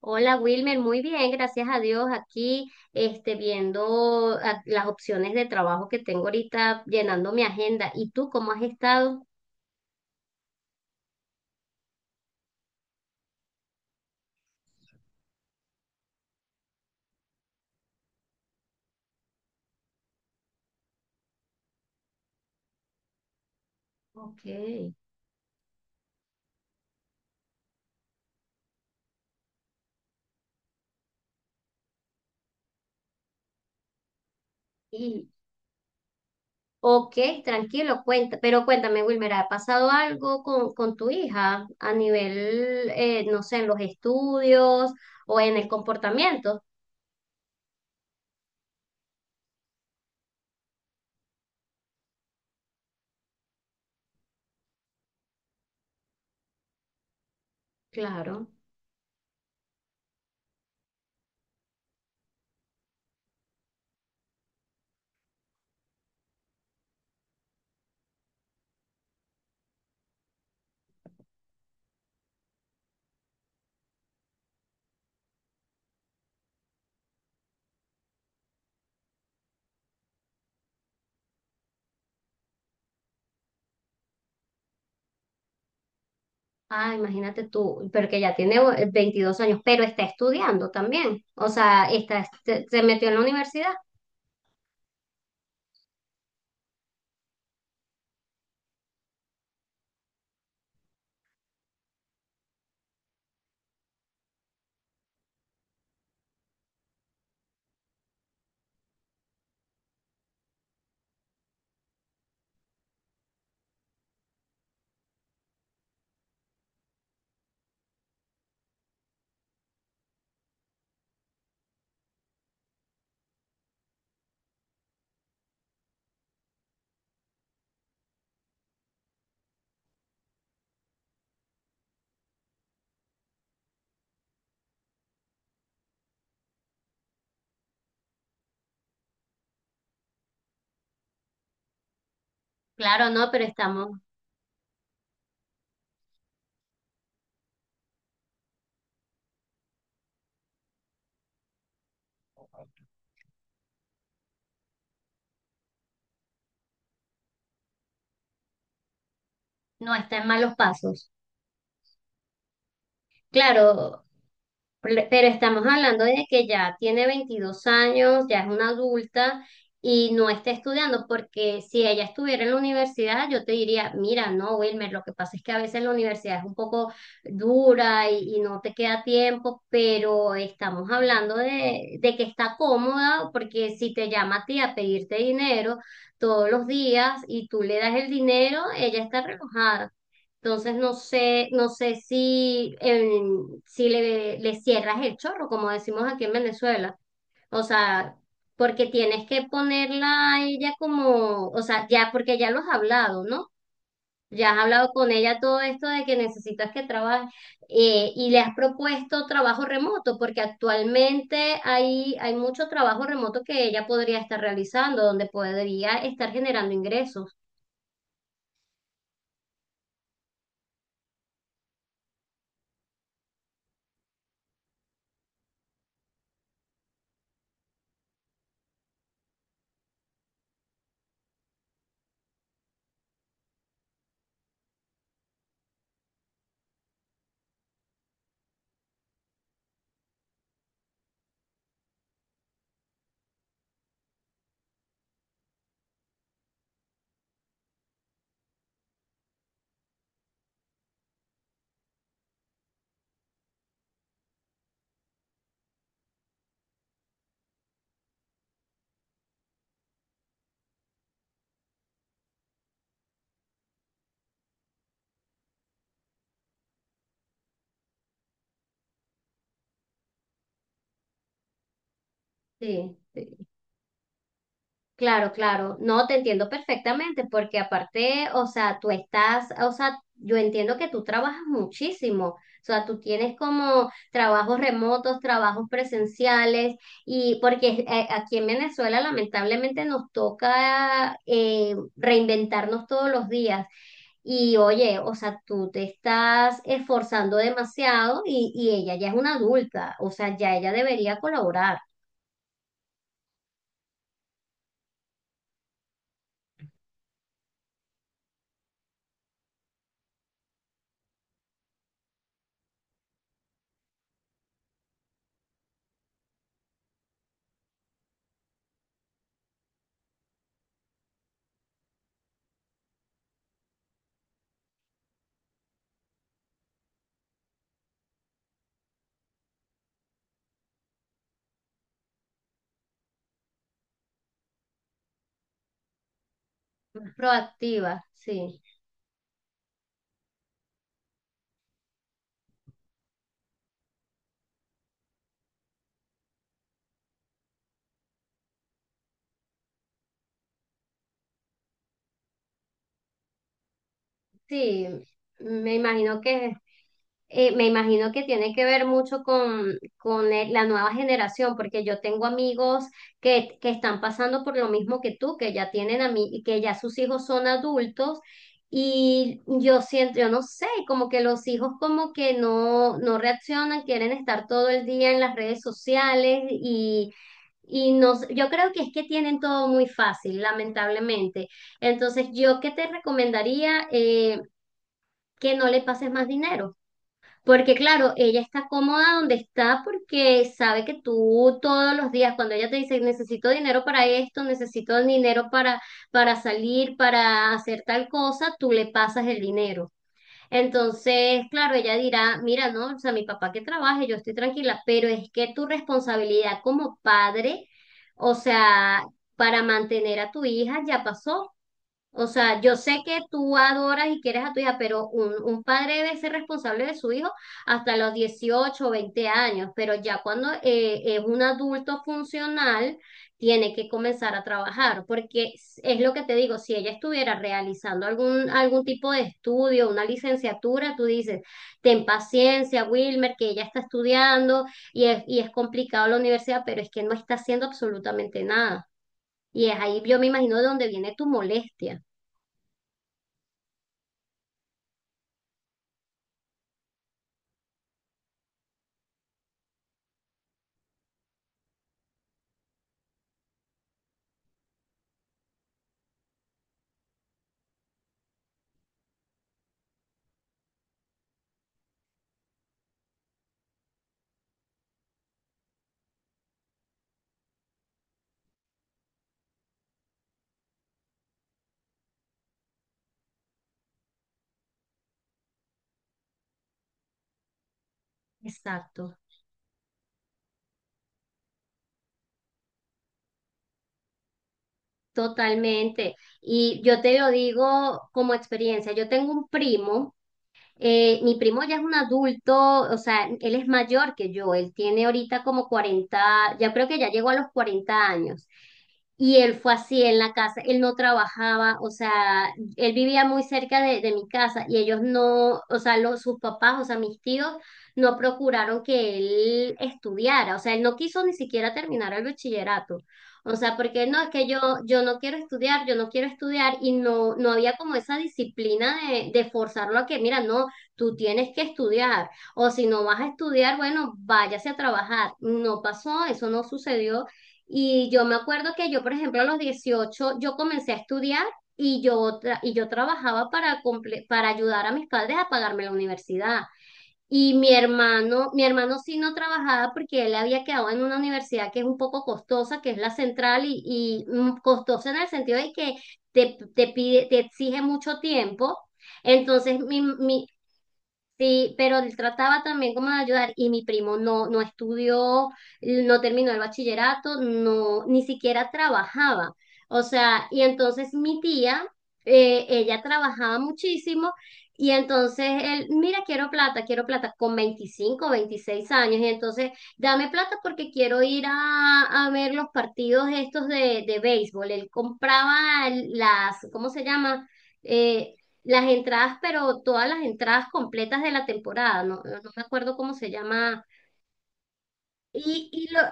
Hola Wilmer, muy bien, gracias a Dios. Aquí, viendo las opciones de trabajo que tengo ahorita, llenando mi agenda. ¿Y tú cómo has estado? Ok. Y, ok, tranquilo, cuenta. Pero cuéntame, Wilmer, ¿ha pasado algo con tu hija a nivel, no sé, en los estudios o en el comportamiento? Claro. Ah, imagínate tú, pero que ya tiene 22 años, pero está estudiando también. O sea, está, se metió en la universidad. Claro, no, pero estamos, no está en malos pasos. Claro, pero estamos hablando de que ya tiene 22 años, ya es una adulta y no está estudiando, porque si ella estuviera en la universidad, yo te diría, mira, no, Wilmer, lo que pasa es que a veces la universidad es un poco dura y no te queda tiempo, pero estamos hablando de que está cómoda, porque si te llama a ti a pedirte dinero todos los días y tú le das el dinero, ella está relojada. Entonces no sé, no sé si, si le, le cierras el chorro, como decimos aquí en Venezuela. O sea, porque tienes que ponerla a ella como, o sea, ya, porque ya lo has hablado, ¿no? Ya has hablado con ella todo esto de que necesitas que trabaje y le has propuesto trabajo remoto, porque actualmente hay, hay mucho trabajo remoto que ella podría estar realizando, donde podría estar generando ingresos. Sí. Sí. Claro, claro, no te entiendo perfectamente porque aparte, o sea, tú estás, o sea, yo entiendo que tú trabajas muchísimo, o sea, tú tienes como trabajos remotos, trabajos presenciales y porque aquí en Venezuela lamentablemente nos toca reinventarnos todos los días. Y oye, o sea, tú te estás esforzando demasiado y ella ya es una adulta, o sea, ya ella debería colaborar, proactiva, sí. Sí, me imagino que me imagino que tiene que ver mucho con la nueva generación, porque yo tengo amigos que están pasando por lo mismo que tú, que ya tienen a mí, que ya sus hijos son adultos, y yo siento, yo no sé, como que los hijos como que no, no reaccionan, quieren estar todo el día en las redes sociales y no, yo creo que es que tienen todo muy fácil, lamentablemente. Entonces, yo qué te recomendaría. Que no le pases más dinero. Porque claro, ella está cómoda donde está porque sabe que tú todos los días, cuando ella te dice, necesito dinero para esto, necesito dinero para salir, para hacer tal cosa, tú le pasas el dinero. Entonces, claro, ella dirá, mira, no, o sea, mi papá que trabaje, yo estoy tranquila, pero es que tu responsabilidad como padre, o sea, para mantener a tu hija ya pasó. O sea, yo sé que tú adoras y quieres a tu hija, pero un padre debe ser responsable de su hijo hasta los 18 o 20 años, pero ya cuando es un adulto funcional, tiene que comenzar a trabajar, porque es lo que te digo, si ella estuviera realizando algún, algún tipo de estudio, una licenciatura, tú dices, ten paciencia, Wilmer, que ella está estudiando y es complicado la universidad, pero es que no está haciendo absolutamente nada. Y es ahí, yo me imagino, de donde viene tu molestia. Exacto, totalmente. Y yo te lo digo como experiencia, yo tengo un primo. Mi primo ya es un adulto, o sea, él es mayor que yo, él tiene ahorita como 40, ya creo que ya llegó a los 40 años. Y él fue así en la casa, él no trabajaba, o sea, él vivía muy cerca de mi casa y ellos no, o sea, los, sus papás, o sea, mis tíos, no procuraron que él estudiara, o sea, él no quiso ni siquiera terminar el bachillerato, o sea, porque no, es que yo no quiero estudiar, yo no quiero estudiar y no, no había como esa disciplina de forzarlo a que, mira, no, tú tienes que estudiar, o si no vas a estudiar, bueno, váyase a trabajar. No pasó, eso no sucedió. Y yo me acuerdo que yo, por ejemplo, a los 18 yo comencé a estudiar y yo trabajaba para, para ayudar a mis padres a pagarme la universidad. Y mi hermano sí no trabajaba porque él había quedado en una universidad que es un poco costosa, que es la central, y costosa en el sentido de que te pide, te exige mucho tiempo. Entonces, sí, pero él trataba también como de ayudar y mi primo no, no estudió, no terminó el bachillerato, no, ni siquiera trabajaba. O sea, y entonces mi tía, ella trabajaba muchísimo y entonces él, mira, quiero plata con 25, 26 años y entonces dame plata porque quiero ir a ver los partidos estos de béisbol. Él compraba las, ¿cómo se llama? Eh, las entradas, pero todas las entradas completas de la temporada, no, no me acuerdo cómo se llama. Y, y lo-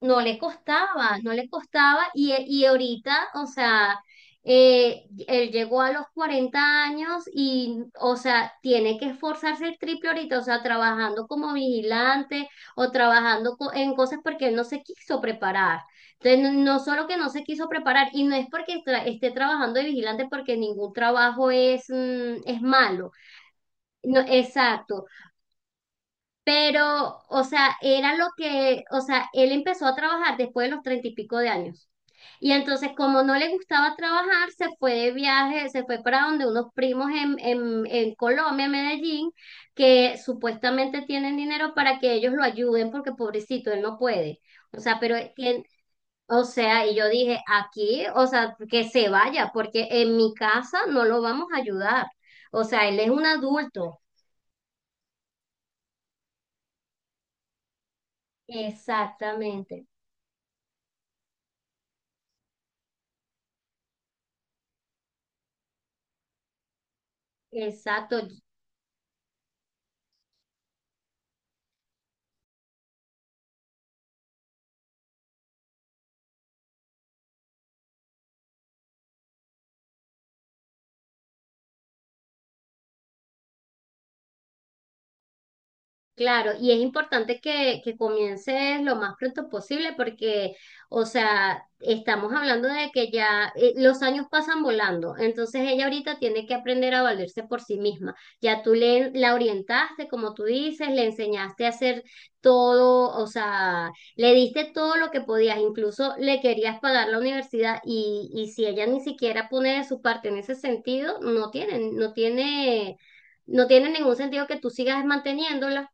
no le costaba, no le costaba. Y ahorita, o sea, él llegó a los 40 años y, o sea, tiene que esforzarse el triple ahorita, o sea, trabajando como vigilante o trabajando en cosas porque él no se quiso preparar. Entonces, no, no solo que no se quiso preparar, y no es porque esté trabajando de vigilante, porque ningún trabajo es, es malo. No, exacto, pero, o sea, era lo que, o sea, él empezó a trabajar después de los treinta y pico de años. Y entonces, como no le gustaba trabajar, se fue de viaje, se fue para donde unos primos en Colombia, en Medellín, que supuestamente tienen dinero para que ellos lo ayuden, porque pobrecito, él no puede. O sea, pero, o sea, y yo dije, aquí, o sea, que se vaya, porque en mi casa no lo vamos a ayudar. O sea, él es un adulto. Exactamente. Exacto, claro, y es importante que comiences lo más pronto posible porque, o sea, estamos hablando de que ya los años pasan volando, entonces ella ahorita tiene que aprender a valerse por sí misma. Ya tú le, la orientaste, como tú dices, le enseñaste a hacer todo, o sea, le diste todo lo que podías, incluso le querías pagar la universidad y si ella ni siquiera pone de su parte en ese sentido, no tiene, no tiene... No tiene ningún sentido que tú sigas manteniéndola.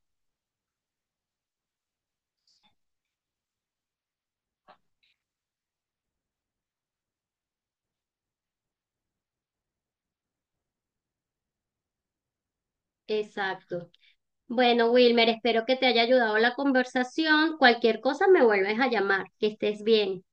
Exacto. Bueno, Wilmer, espero que te haya ayudado la conversación. Cualquier cosa me vuelves a llamar. Que estés bien.